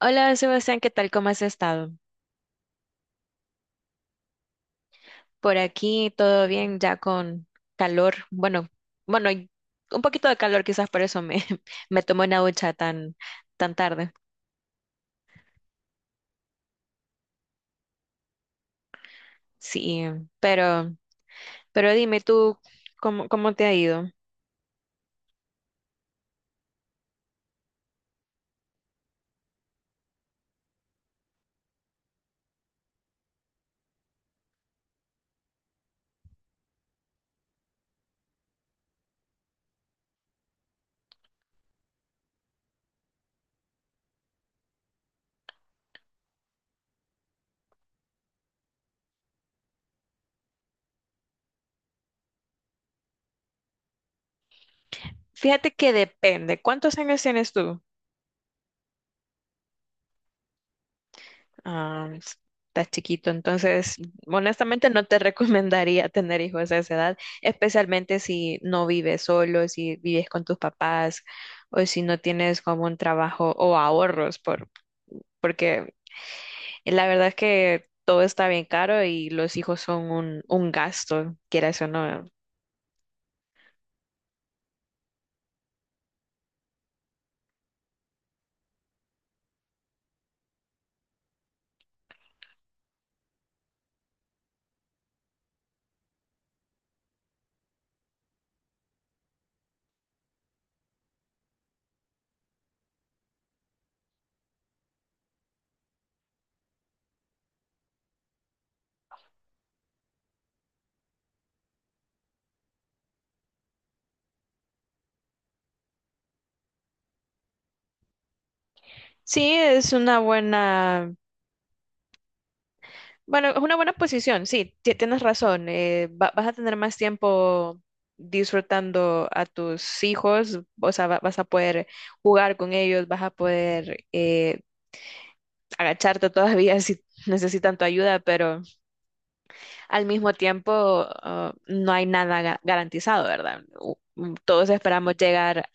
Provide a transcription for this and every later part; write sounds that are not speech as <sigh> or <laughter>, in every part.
Hola Sebastián, ¿qué tal? ¿Cómo has estado? Por aquí todo bien, ya con calor. Bueno, bueno, y un poquito de calor quizás por eso me, <laughs> me tomé una ducha tan, tan tarde. Sí, pero, pero dime tú, ¿cómo, cómo te ha ido? Fíjate que depende. ¿Cuántos años tienes tú? Ah, está chiquito, entonces honestamente no te <laughs> recomendaría tener hijos a esa edad, especialmente si no vives solo, si vives con tus papás o si no tienes como un trabajo o ahorros, por, porque la verdad es que todo está bien caro y los hijos son un gasto, quieras o no. Sí, es una buena. Bueno, es una buena posición, sí, tienes razón. Vas a tener más tiempo disfrutando a tus hijos, o sea, vas a poder jugar con ellos, vas a poder agacharte todavía <laughs> si necesitan tu ayuda, pero al mismo tiempo no hay nada garantizado, ¿verdad? Todos esperamos llegar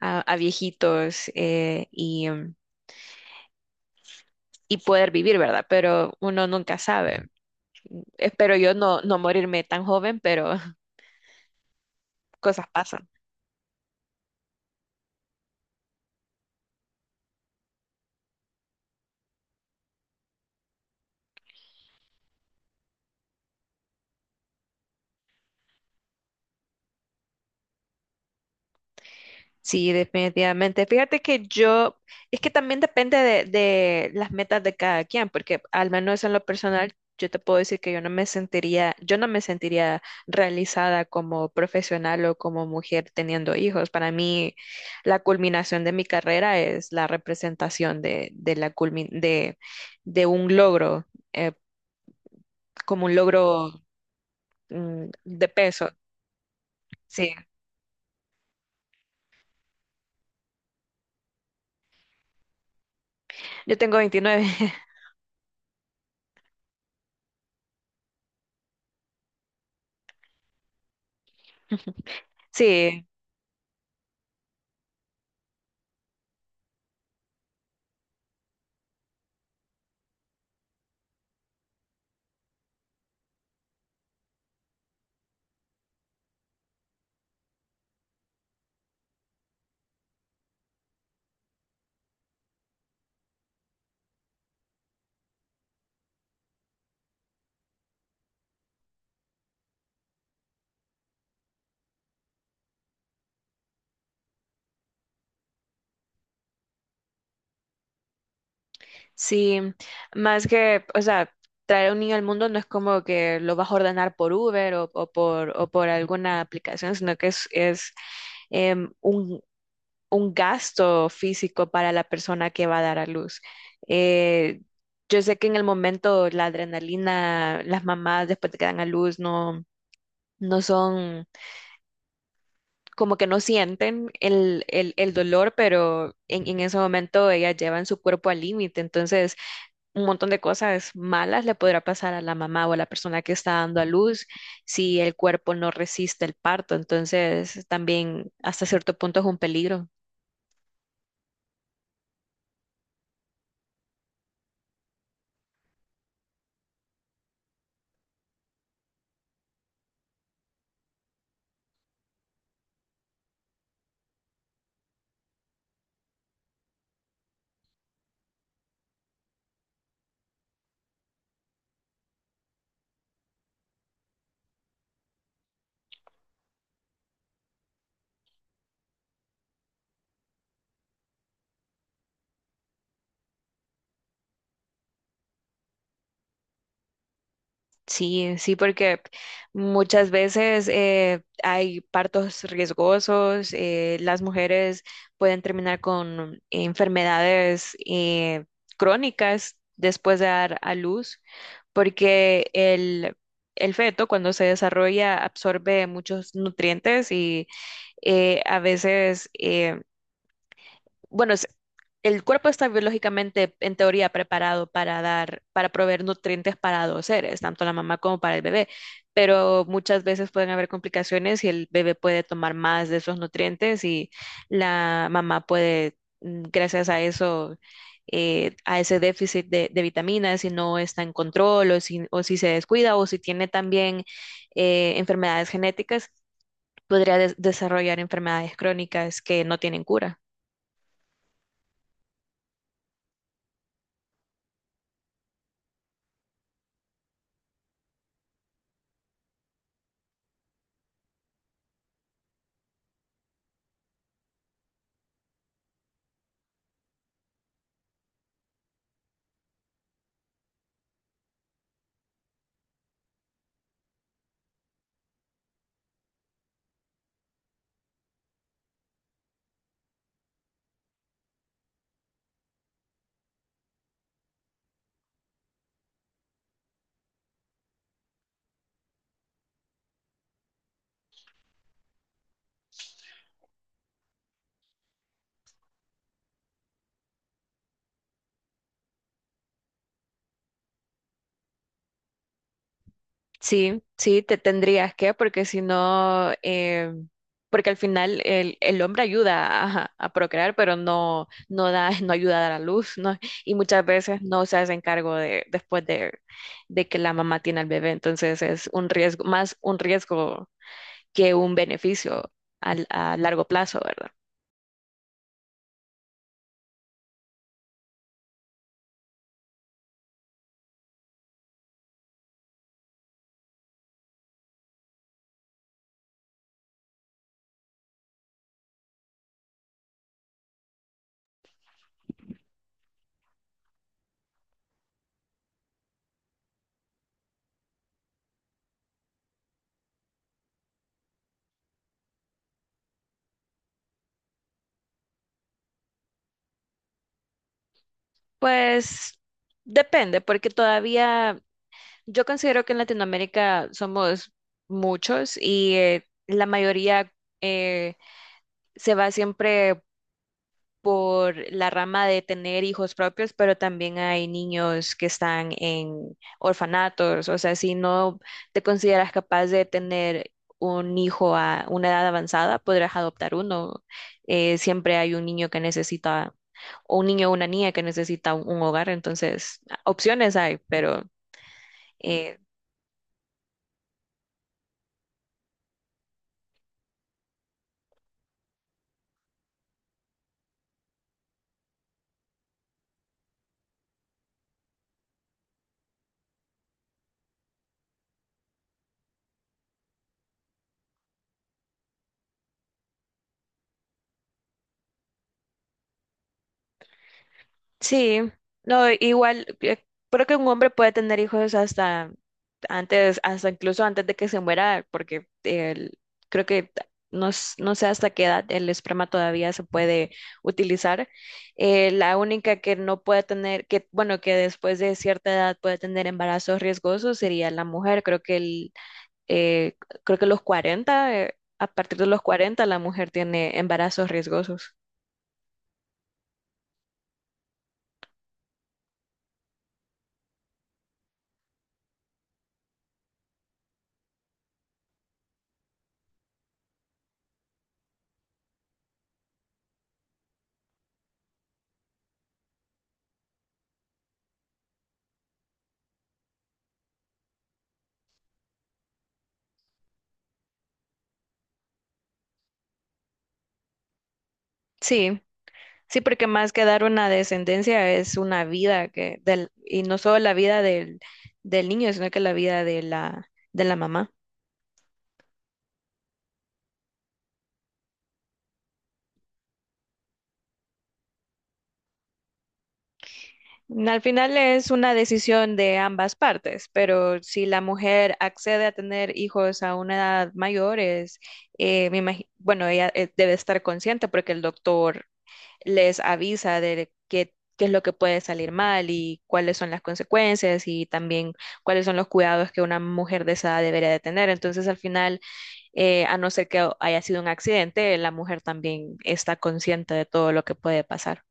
a viejitos y y poder vivir, ¿verdad? Pero uno nunca sabe. Espero yo no, no morirme tan joven, pero cosas pasan. Sí, definitivamente. Fíjate que yo, es que también depende de las metas de cada quien, porque al menos en lo personal, yo te puedo decir que yo no me sentiría, yo no me sentiría realizada como profesional o como mujer teniendo hijos. Para mí, la culminación de mi carrera es la representación de la de un logro, eh, como un logro, de peso. Sí, yo tengo 29. <laughs> Sí. Sí, más que, o sea, traer un niño al mundo no es como que lo vas a ordenar por Uber o por alguna aplicación, sino que es em, un, un gasto físico para la persona que va a dar a luz. Eh, yo sé que en el momento la adrenalina, las mamás después de que dan a luz no, no son, como que no sienten el dolor, pero en ese momento ellas llevan su cuerpo al límite, entonces un montón de cosas malas le podrá pasar a la mamá o a la persona que está dando a luz si el cuerpo no resiste el parto. Entonces, también hasta cierto punto es un peligro. Sí, sí, porque muchas veces hay partos riesgosos, las mujeres pueden terminar con enfermedades crónicas después de dar a luz, porque el feto cuando se desarrolla absorbe muchos nutrientes y a veces, bueno, el cuerpo está biológicamente, en teoría, preparado para dar, para proveer nutrientes para dos seres, tanto la mamá como para el bebé, pero muchas veces pueden haber complicaciones y el bebé puede tomar más de esos nutrientes y la mamá puede, gracias a eso, a ese déficit de vitaminas, si no está en control o si se descuida o si tiene también enfermedades genéticas podría desarrollar enfermedades crónicas que no tienen cura. Sí, sí, te tendrías que, porque si no, porque al final el hombre ayuda a procrear, pero no, no da, <laughs> no ayuda a dar a luz, ¿no? Y muchas veces no se hacen cargo de, después de que la mamá tiene al bebé. Entonces es un riesgo, más un riesgo que un beneficio a largo plazo, ¿verdad? Pues depende, porque todavía. Yo considero que en Latinoamérica somos muchos y la mayoría eh, se va siempre por la rama de tener hijos propios, pero también hay niños que están en orfanatos. O sea, si no te consideras capaz de tener un hijo a una edad avanzada, podrás adoptar uno. Siempre hay un niño que necesita, o un niño o una niña que necesita un hogar. Entonces, opciones hay, pero... eh, Sí, no, igual, creo que un hombre puede tener hijos hasta antes, hasta incluso antes de que se muera, porque creo que no, no sé hasta qué edad el esperma todavía se puede utilizar. La única que no puede tener, que bueno, que después de cierta edad puede tener embarazos riesgosos sería la mujer. Creo que el, eh, creo que los 40 a partir de los 40 la mujer tiene embarazos riesgosos. Sí. Sí, porque más que dar una descendencia es una vida que del, y no solo la vida del, del niño, sino que la vida de la mamá. Al final es una decisión de ambas partes, pero si la mujer accede a tener hijos a una edad mayor, es, bueno, ella debe estar consciente porque el doctor les avisa de qué, qué es lo que puede salir mal y cuáles son las consecuencias y también cuáles son los cuidados que una mujer de esa edad debería de tener. Entonces, al final a no ser que haya sido un accidente, la mujer también está consciente de todo lo que puede pasar.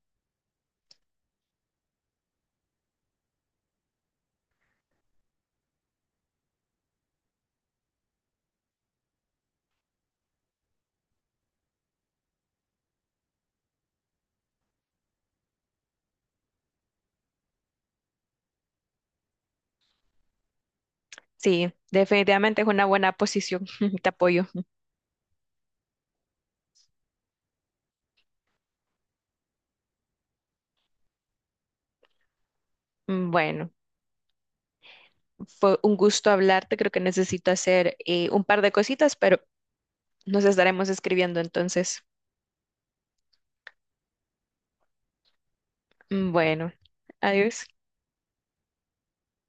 Sí, definitivamente es una buena posición. <laughs> Te apoyo. Mm, bueno, fue un gusto hablarte. Creo que necesito hacer un par de cositas, pero nos estaremos escribiendo entonces. Mm, bueno, adiós.